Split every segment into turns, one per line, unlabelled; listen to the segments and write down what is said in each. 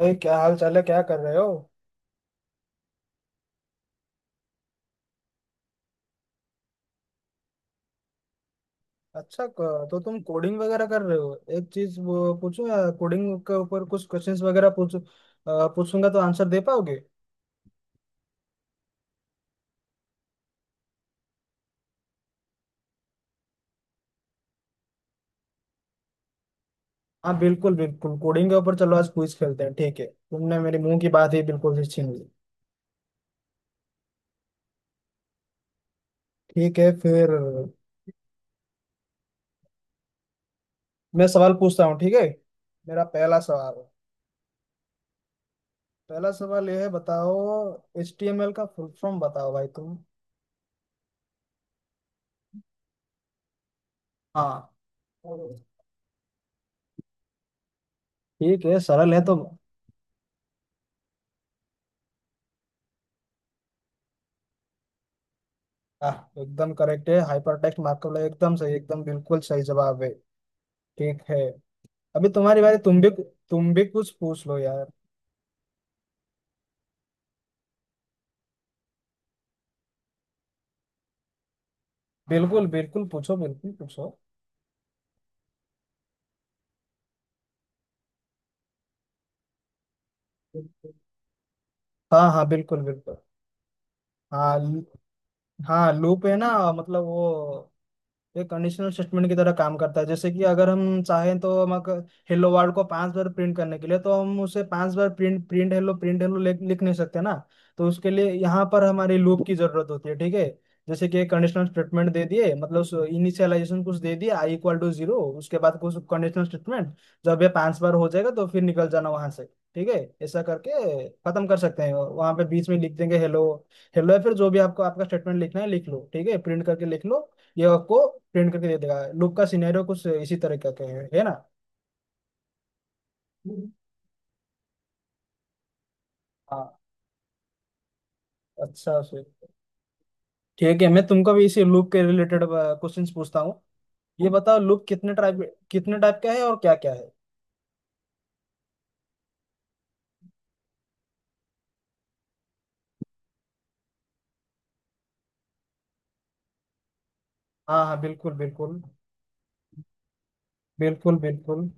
अरे क्या हाल चाल है, क्या कर रहे हो? अच्छा तो तुम कोडिंग वगैरह कर रहे हो। एक चीज वो पूछूं, या कोडिंग के ऊपर कुछ क्वेश्चंस वगैरह पूछूंगा तो आंसर दे पाओगे? हाँ बिल्कुल बिल्कुल, कोडिंग के ऊपर चलो आज क्विज खेलते हैं। ठीक है, तुमने मेरे मुंह की बात ही बिल्कुल से छीन ली। ठीक है फिर। मैं सवाल पूछता हूँ, ठीक है। मेरा पहला सवाल। पहला सवाल यह है, बताओ HTML का फुल फॉर्म बताओ भाई तुम। हाँ। ठीक है, सरल है तो। आह, एकदम करेक्ट है, हाइपर टेक्स्ट मार्कअप लैंग्वेज, एकदम सही, एकदम बिल्कुल सही जवाब है। ठीक है, अभी तुम्हारी बारी। तुम भी कुछ पूछ लो यार। बिल्कुल बिल्कुल पूछो, बिल्कुल पूछो। हाँ हाँ बिल्कुल बिल्कुल। हाँ लू- हाँ लूप है ना, मतलब वो ये कंडीशनल स्टेटमेंट की तरह काम करता है। जैसे कि अगर हम चाहें, तो हम अगर हेलो वर्ल्ड को 5 बार प्रिंट करने के लिए, तो हम उसे 5 बार प्रिंट प्रिंट हेलो लिख लिख नहीं सकते ना। तो उसके लिए यहाँ पर हमारी लूप की जरूरत होती है, ठीक है। जैसे कि कंडीशनल स्टेटमेंट दे दिए, मतलब इनिशियलाइजेशन कुछ दे दिया, आई इक्वल टू जीरो, उसके बाद कुछ कंडीशनल स्टेटमेंट। जब ये 5 बार हो जाएगा, तो फिर निकल जाना वहां से, ठीक है। ऐसा करके खत्म कर सकते हैं, वहां पे बीच में लिख देंगे हेलो हेलो, या फिर जो भी आपको आपका स्टेटमेंट लिखना है लिख लो, ठीक है, प्रिंट करके लिख लो। ये आपको प्रिंट करके दे देगा। लूप का सिनेरियो कुछ इसी तरह का के है ना। हाँ। अच्छा फिर, ठीक है, मैं तुमको भी इसी लूप के रिलेटेड क्वेश्चंस पूछता हूँ। ये बताओ, लूप कितने टाइप का है और क्या क्या है। हाँ हाँ बिल्कुल बिल्कुल बिल्कुल बिल्कुल।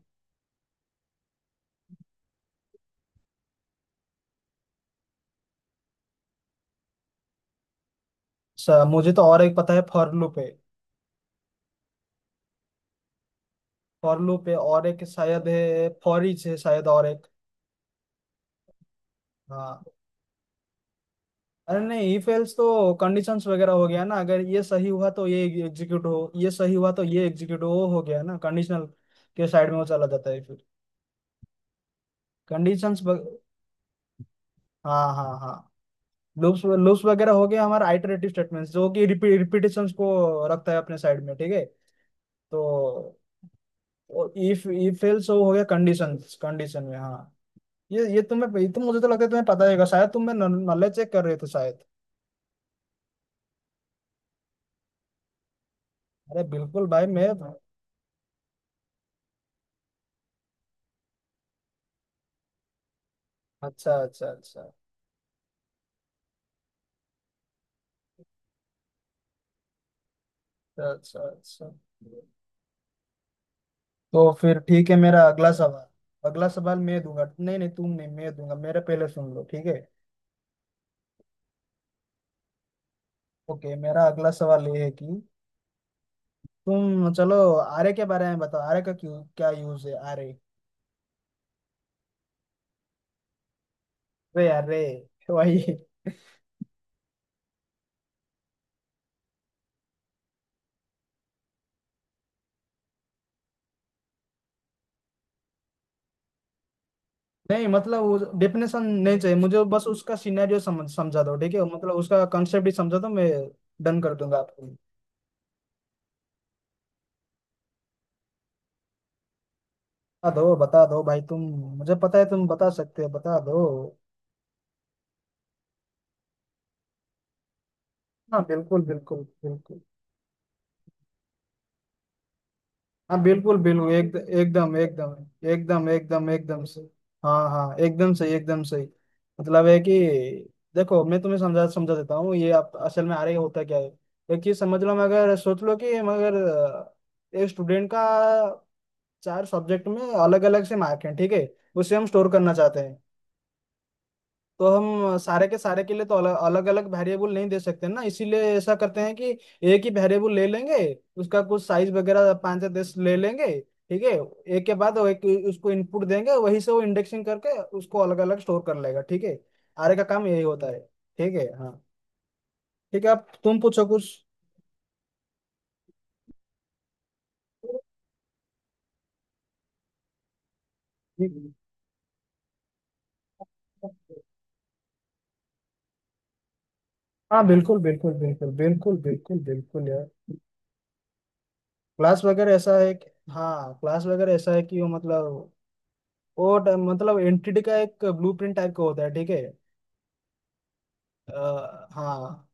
मुझे तो और एक पता है, फॉर लूप है। फॉर लूप है, और एक शायद है, फॉर ईच है शायद, और एक। हाँ। अरे नहीं, इफ एल्स तो कंडीशंस वगैरह हो गया ना। अगर ये सही हुआ तो ये एग्जीक्यूट हो, ये सही हुआ तो ये एग्जीक्यूट हो गया ना कंडीशनल के साइड में वो चला जाता है फिर। कंडीशंस। हाँ हाँ हाँ। लूप्स लूप्स वगैरह हो गया हमारा, आइटरेटिव स्टेटमेंट्स जो कि रिपीटेशंस को रखता है अपने साइड में, ठीक है। तो इफ इफ एल्स हो गया कंडीशंस, कंडीशन में। हाँ। ये तुम्हें, ये तो मुझे तो लगता है तुम्हें पता होगा शायद, तुम मैं नॉलेज चेक कर रहे थे शायद। अरे बिल्कुल भाई मैं, अच्छा अच्छा अच्छा अच्छा अच्छा। तो फिर ठीक है, मेरा अगला सवाल मैं दूंगा, नहीं नहीं, तुम नहीं, मैं दूंगा। मेरा पहले सुन लो, ठीक है। ओके, मेरा अगला सवाल ये है कि तुम चलो आरे के बारे में बताओ। आरे का क्यों क्या यूज है। आरे रे अरे वही। नहीं मतलब डेफिनेशन नहीं चाहिए मुझे, बस उसका सिनेरियो समझा दो, ठीक है। मतलब उसका कंसेप्ट ही समझा दो, मैं डन कर दूंगा आपको। बता दो भाई तुम, मुझे पता है तुम बता सकते हो, बता दो। हाँ बिल्कुल बिल्कुल बिल्कुल। हाँ बिल्कुल बिल्कुल एक एकदम एकदम एकदम एकदम एकदम सही। हाँ हाँ एकदम सही एकदम सही। मतलब है कि, देखो मैं तुम्हें समझा समझा देता हूँ, ये आप असल में आ रही होता क्या है। एक चीज समझ लो मगर, सोच लो कि एक स्टूडेंट का चार सब्जेक्ट में अलग अलग से मार्क है, ठीक है। उसे हम स्टोर करना चाहते हैं। तो हम सारे के लिए तो अलग अलग वेरिएबल नहीं दे सकते ना, इसीलिए ऐसा करते हैं कि एक ही वेरिएबल ले लेंगे। उसका कुछ साइज वगैरह पाँच या 10 ले लेंगे, ठीक है। एक के बाद वो एक उसको इनपुट देंगे, वहीं से वो इंडेक्सिंग करके उसको अलग अलग स्टोर कर लेगा, ठीक है। आरे का काम यही होता है, ठीक है। हाँ ठीक है, अब तुम पूछो कुछ। हाँ बिल्कुल बिल्कुल बिल्कुल बिल्कुल बिल्कुल बिल्कुल यार। क्लास वगैरह ऐसा है कि, हाँ क्लास वगैरह ऐसा है कि वो मतलब, मतलब एंटिटी का एक ब्लूप्रिंट टाइप का होता है, ठीक है। हाँ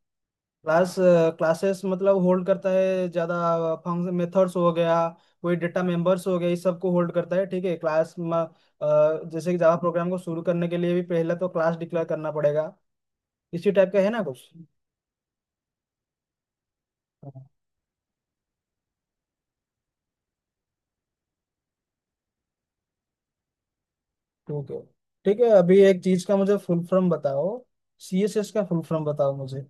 क्लास, क्लासेस मतलब होल्ड करता है ज़्यादा फंक्शन, मेथड्स हो गया, कोई डेटा मेंबर्स हो गया, इस सब को होल्ड करता है, ठीक है क्लास। जैसे कि जावा प्रोग्राम को शुरू करने के लिए भी पहले तो क्लास डिक्लेयर करना पड़ेगा, इसी टाइप का है ना कुछ। हाँ, ठीक है। ठीक है, अभी एक चीज़ का मुझे फुल फॉर्म बताओ, CSS का फुल फॉर्म बताओ मुझे।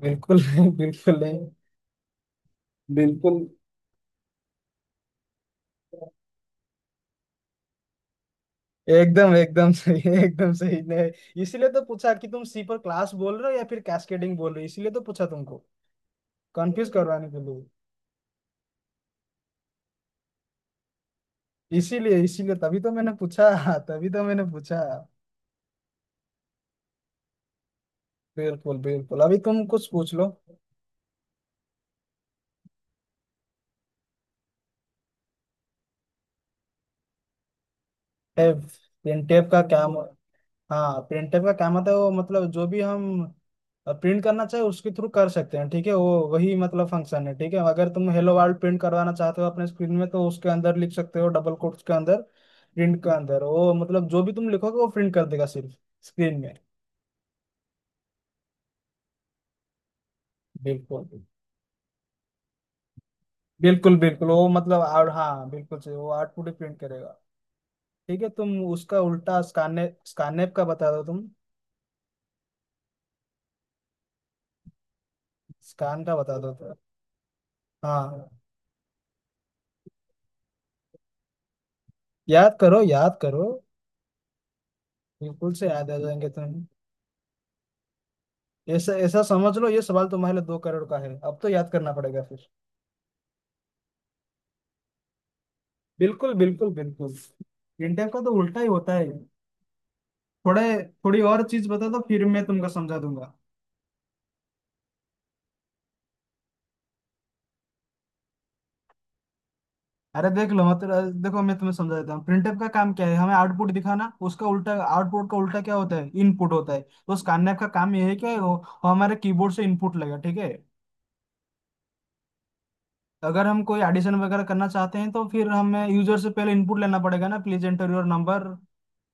बिल्कुल नहीं बिल्कुल नहीं। बिल्कुल। एकदम एकदम सही ने, इसीलिए तो पूछा कि तुम सी पर क्लास बोल रहे हो या फिर कैस्केडिंग बोल रहे हो, इसीलिए तो पूछा तुमको, कंफ्यूज करवाने के लिए। इसीलिए इसीलिए तभी तो मैंने पूछा, तभी तो मैंने पूछा। बिल्कुल बिल्कुल, अभी तुम कुछ पूछ लो। टेप। इन टेप का क्या? हाँ प्रिंटर का काम आता है, वो मतलब जो भी हम प्रिंट करना चाहे उसके थ्रू कर सकते हैं, ठीक है। वो वही मतलब फंक्शन है, ठीक है। अगर तुम हेलो वर्ल्ड प्रिंट करवाना चाहते हो अपने स्क्रीन में, तो उसके अंदर लिख सकते हो डबल कोट्स के अंदर, प्रिंट के अंदर वो मतलब जो भी तुम लिखोगे वो प्रिंट कर देगा सिर्फ स्क्रीन में। बिल्कुल बिल्कुल बिल्कुल, वो मतलब, और हाँ बिल्कुल सही, वो आउटपुट ही प्रिंट करेगा। ठीक है, तुम उसका उल्टा स्कैनर स्कैनएप का बता दो तुम, स्कैन का बता दो तो। हाँ याद करो याद करो, बिल्कुल से याद आ जाएंगे तुम। ऐसा ऐसा समझ लो, ये सवाल तुम्हारे लिए 2 करोड़ का है, अब तो याद करना पड़ेगा फिर। बिल्कुल बिल्कुल बिल्कुल, इंडिया का तो उल्टा ही होता है थोड़े, थोड़ी और चीज बता दो फिर मैं तुमको समझा दूंगा। अरे देख लो, मतलब देखो मैं तुम्हें समझा देता हूँ, प्रिंटफ का काम क्या है, हमें आउटपुट दिखाना। उसका उल्टा, आउटपुट का उल्टा क्या होता है, इनपुट होता है। तो उस कार्नैप का काम यह है कि वो हमारे कीबोर्ड से इनपुट लेगा, ठीक है। अगर हम कोई एडिशन वगैरह करना चाहते हैं, तो फिर हमें यूजर से पहले इनपुट लेना पड़ेगा ना, please enter your number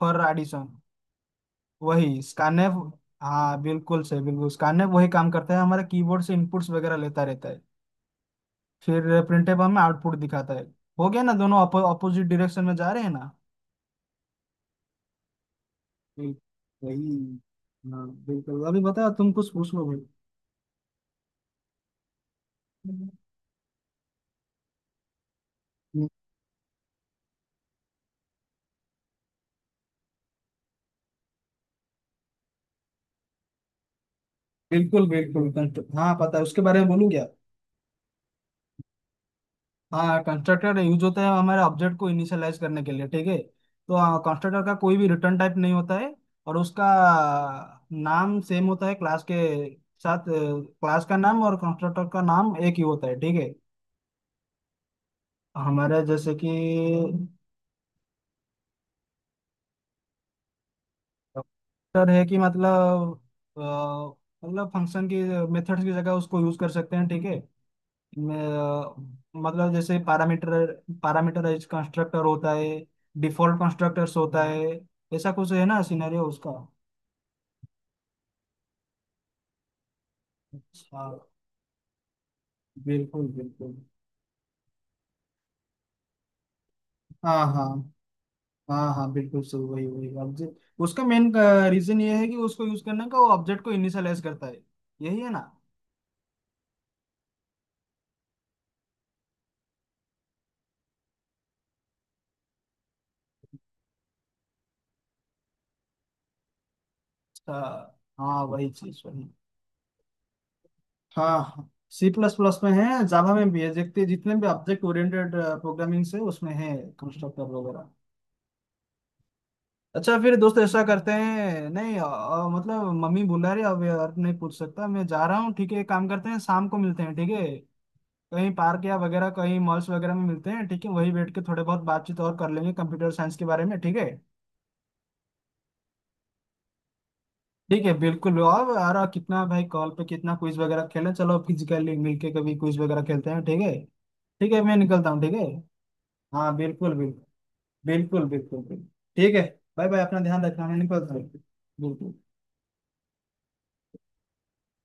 for addition. वही स्कैनर, हाँ बिल्कुल सही बिल्कुल, स्कैनर वही काम करता है हमारा, कीबोर्ड से इनपुट्स वगैरह लेता रहता है, फिर प्रिंटेबल हमें आउटपुट दिखाता है। हो गया ना, दोनों अपोजिट डायरेक्शन में जा रहे हैं ना। बिल- वही। हाँ बिल्कुल, अभी बताओ तुम कुछ पूछ लो भाई। बिल्कुल बिल्कुल हाँ पता है, उसके बारे में बोलूँ क्या? हाँ, कंस्ट्रक्टर यूज होता है हमारे ऑब्जेक्ट को इनिशियलाइज करने के लिए, ठीक है। तो कंस्ट्रक्टर का कोई भी रिटर्न टाइप नहीं होता है, और उसका नाम सेम होता है क्लास के साथ। क्लास का नाम और कंस्ट्रक्टर का नाम एक ही होता है, ठीक है। हमारे जैसे कि कंस्ट्रक्टर है, कि मतलब, अ, मतलब फंक्शन की मेथड्स की जगह उसको यूज कर सकते हैं, ठीक है। मैं, मतलब जैसे पैरामीटर, पैरामीटराइज कंस्ट्रक्टर होता है, डिफॉल्ट कंस्ट्रक्टर्स होता है, ऐसा कुछ है ना सिनेरियो उसका। अच्छा। बिल्कुल बिल्कुल, हाँ हाँ हाँ हाँ बिल्कुल सही, वही वही ऑब्जेक्ट उसका मेन रीजन ये है, कि उसको यूज करने का वो ऑब्जेक्ट को इनिशियलाइज करता है, यही है ना। अच्छा, हाँ वही चीज वही। हाँ हाँ, सी प्लस प्लस में है, जावा में भी है, देखते जितने भी ऑब्जेक्ट ओरिएंटेड प्रोग्रामिंग से उसमें है, कंस्ट्रक्टर वगैरह। अच्छा फिर दोस्त ऐसा करते हैं, नहीं मतलब मम्मी बुला रही है, अब यार नहीं पूछ सकता, मैं जा रहा हूँ, ठीक है। एक काम करते हैं शाम को मिलते हैं, ठीक है, कहीं पार्क या वगैरह कहीं मॉल्स वगैरह में मिलते हैं, ठीक है, वहीं बैठ के थोड़े बहुत बातचीत और कर लेंगे कंप्यूटर साइंस के बारे में, ठीक है। ठीक है बिल्कुल, और यार कितना भाई कॉल पे कितना क्विज वगैरह खेलें, चलो फिजिकली मिलके कभी क्विज वगैरह खेलते हैं, ठीक है। ठीक है मैं निकलता हूँ, ठीक है। हाँ बिल्कुल बिल्कुल बिल्कुल बिल्कुल बिल्कुल। ठीक है, बाय बाय, अपना ध्यान रखना, मैं निकलता हूँ। बिल्कुल।